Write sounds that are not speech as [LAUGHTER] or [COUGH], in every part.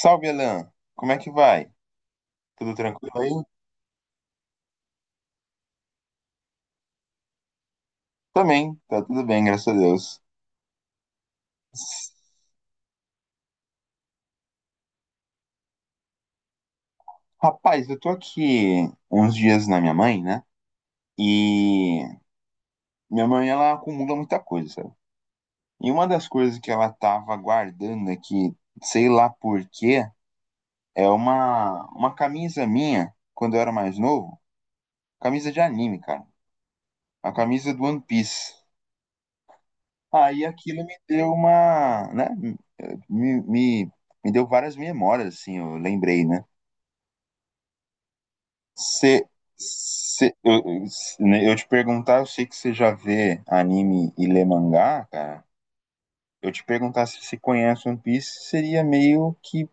Salve, Alan. Como é que vai? Tudo tranquilo aí? Também, tá tudo bem, graças a Deus. S- Rapaz, eu tô aqui uns dias na minha mãe, né? E minha mãe, ela acumula muita coisa, sabe? E uma das coisas que ela tava guardando aqui, sei lá por quê, é uma camisa minha, quando eu era mais novo, camisa de anime, cara. A camisa do One Piece. Aí aquilo me deu uma, né? Me, me, me deu várias memórias, assim, eu lembrei, né? Cê, cê- eu né, eu te perguntar, eu sei que você já vê anime e lê mangá, cara. Eu te perguntar se você conhece One Piece seria meio que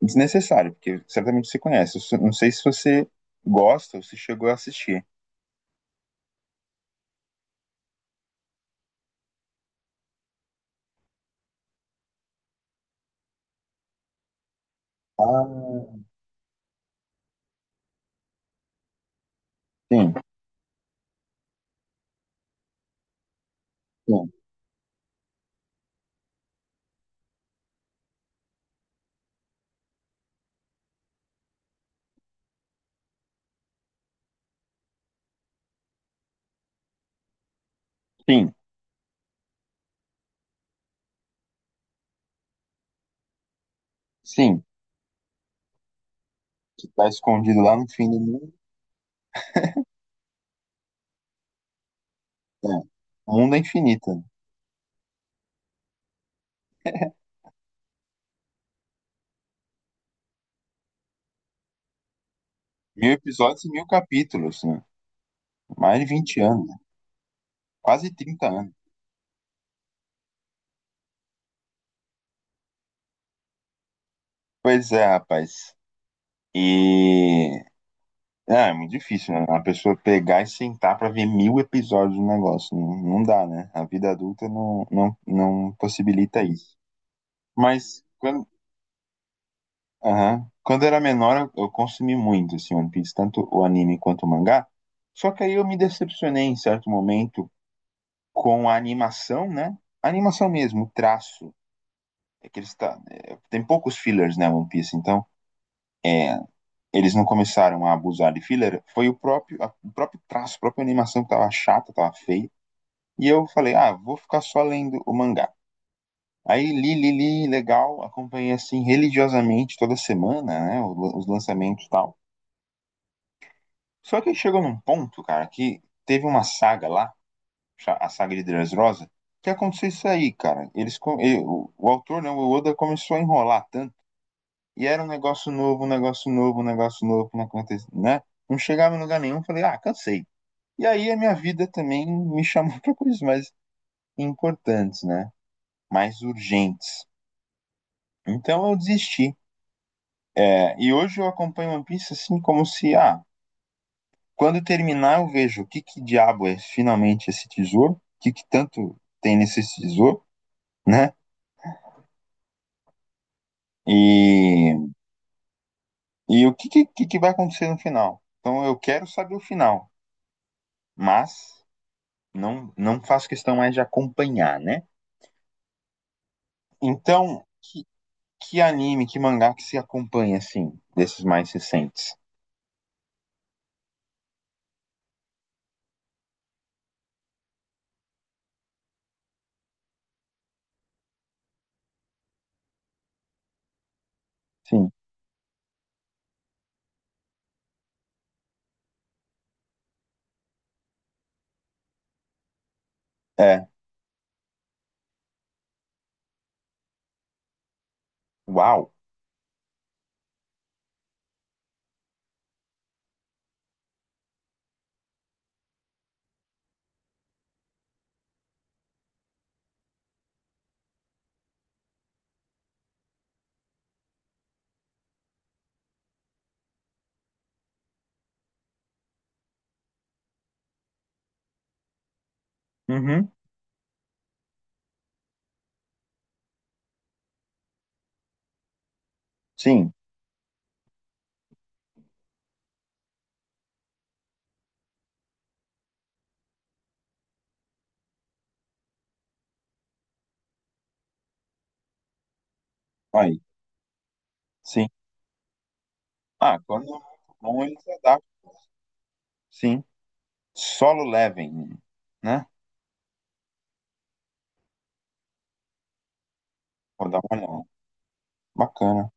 desnecessário, porque certamente você conhece. Não sei se você gosta ou se chegou a assistir. Ah, sim, sim, sim, sim. Que tá escondido lá no fim do mundo. É. O mundo é infinito, né? Mil episódios e mil capítulos, né? Mais de 20 anos, né? Quase trinta anos. Pois é, rapaz. E É, é muito difícil, né? A pessoa pegar e sentar pra ver mil episódios do negócio. Não, não dá, né? A vida adulta não possibilita isso. Mas aham. Quando eu era menor, eu consumi muito assim, One Piece, tanto o anime quanto o mangá. Só que aí eu me decepcionei em certo momento com a animação, né? A animação mesmo, o traço. É que tem poucos fillers, né, One Piece? É, eles não começaram a abusar de filler. Foi o próprio traço, a própria animação que tava chata, tava feia. E eu falei, ah, vou ficar só lendo o mangá. Aí li, li, li, legal, acompanhei assim religiosamente toda semana, né, os lançamentos e tal. Só que chegou num ponto, cara, que teve uma saga lá, a saga de Dressrosa, que aconteceu isso aí, cara. Eles, co- e- o autor, não, o Oda começou a enrolar tanto, e era um negócio novo, um negócio novo, um negócio novo, né? Não chegava em lugar nenhum, falei, ah, cansei. E aí a minha vida também me chamou [LAUGHS] para coisas mais importantes, né? Mais urgentes. Então eu desisti. É, e hoje eu acompanho One Piece assim como se, ah, quando terminar eu vejo o que que diabo é finalmente esse tesouro, o que que tanto tem nesse tesouro, né? E, e o que que vai acontecer no final. Então eu quero saber o final, mas não, não faço questão mais de acompanhar, né? Então, que, que anime, que mangá que se acompanha, assim, desses mais recentes? Sim, é, uau, uhum. Sim, aí, sim. Ah, quando é muito bom, eles adaptam, sim. Solo Leveling, né? Vou dar uma olhada. Bacana.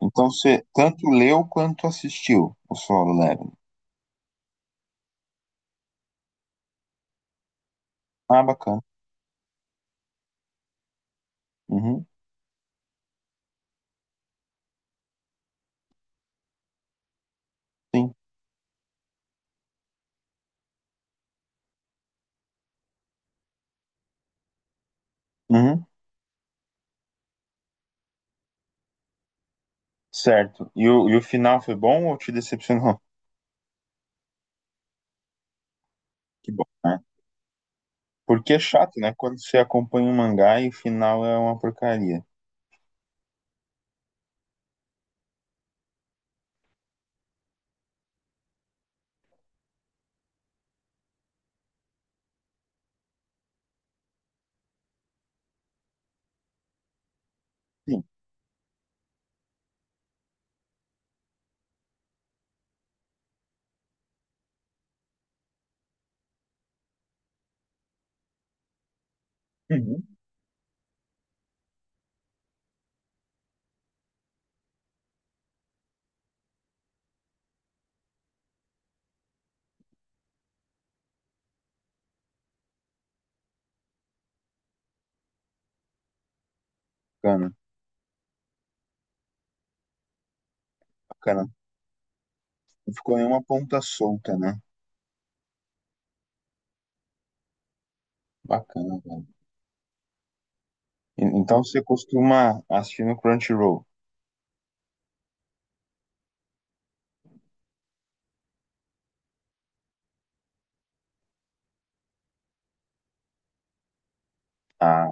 Então você tanto leu quanto assistiu o Solo Leveling. Ah, bacana. Uhum, sim. Uhum, certo. E o final foi bom ou te decepcionou? [LAUGHS] Que bom, né? Porque é chato, né? Quando você acompanha um mangá e o final é uma porcaria. Sim. Uhum. Bacana, bacana. Não ficou nenhuma ponta solta, né? Bacana. Então você costuma assistir no Crunchyroll. Ah,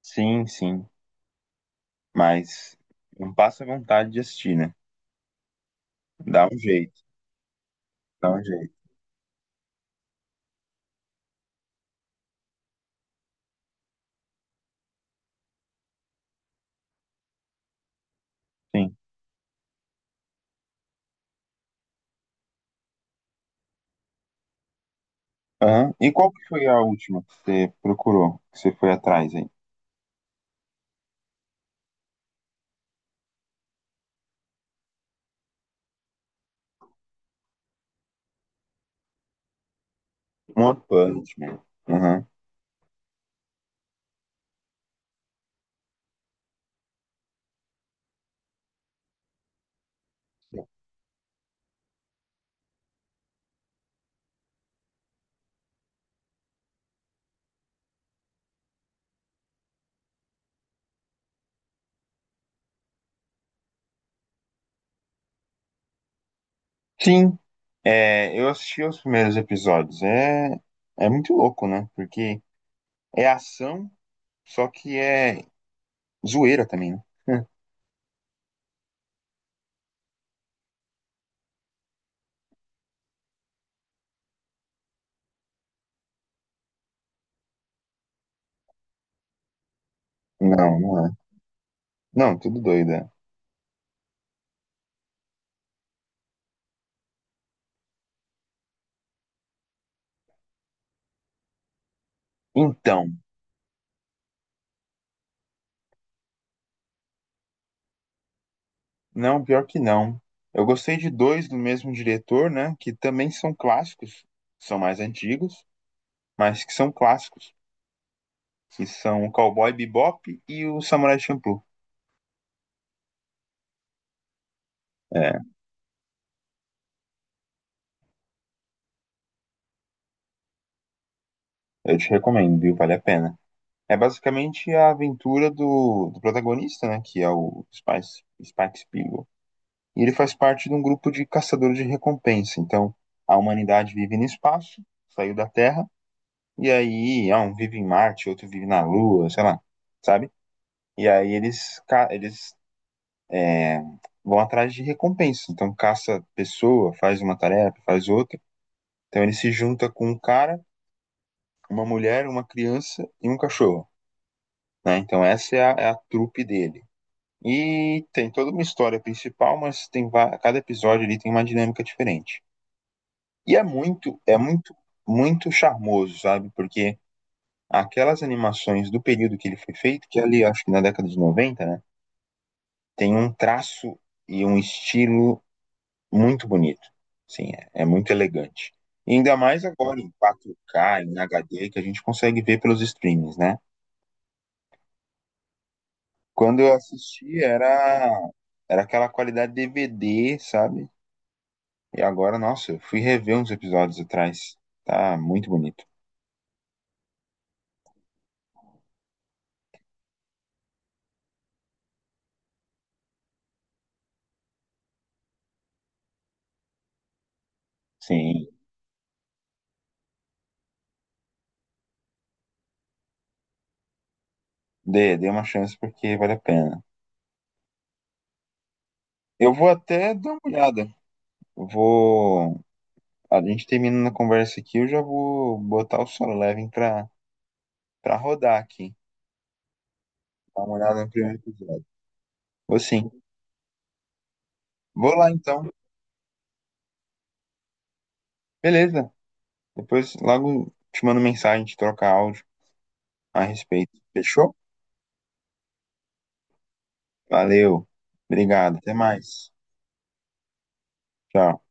sim, sim. Mas não passa vontade de assistir, né? Dá um jeito, dá um jeito, sim. Aham. E qual que foi a última que você procurou, que você foi atrás aí? Um One Punch Man. Aham. Sim, é, eu assisti os primeiros episódios. É, é muito louco, né? Porque é ação, só que é zoeira também, né? [LAUGHS] Não, não é. Não, tudo doido, é. Então, não, pior que não. Eu gostei de dois do mesmo diretor, né? Que também são clássicos, são mais antigos, mas que são clássicos, que são o Cowboy Bebop e o Samurai Champloo. É, eu te recomendo, viu? Vale a pena. É basicamente a aventura do, do protagonista, né? Que é o Spike Spiegel. E ele faz parte de um grupo de caçadores de recompensa. Então, a humanidade vive no espaço, saiu da Terra, e aí, ah, um vive em Marte, outro vive na Lua, sei lá, sabe? E aí eles, ca- eles é, vão atrás de recompensa. Então caça pessoa, faz uma tarefa, faz outra. Então ele se junta com um cara, uma mulher, uma criança e um cachorro, né? Então essa é é a trupe dele. E tem toda uma história principal, mas tem cada episódio ali tem uma dinâmica diferente. E é muito charmoso, sabe? Porque aquelas animações do período que ele foi feito, que é ali acho que na década de noventa, né? Tem um traço e um estilo muito bonito. Sim, é, é muito elegante. E ainda mais agora em 4K, em HD, que a gente consegue ver pelos streams, né? Quando eu assisti era aquela qualidade DVD, sabe? E agora, nossa, eu fui rever uns episódios atrás. Tá muito bonito. Sim, dê uma chance porque vale a pena. Eu vou até dar uma olhada. Eu vou. A gente terminando a conversa aqui, eu já vou botar o Solo Levin pra rodar aqui. Dar uma olhada no primeiro episódio. Vou sim. Vou lá então. Beleza. Depois logo te mando mensagem, te trocar áudio a respeito. Fechou? Valeu. Obrigado. Até mais. Tchau.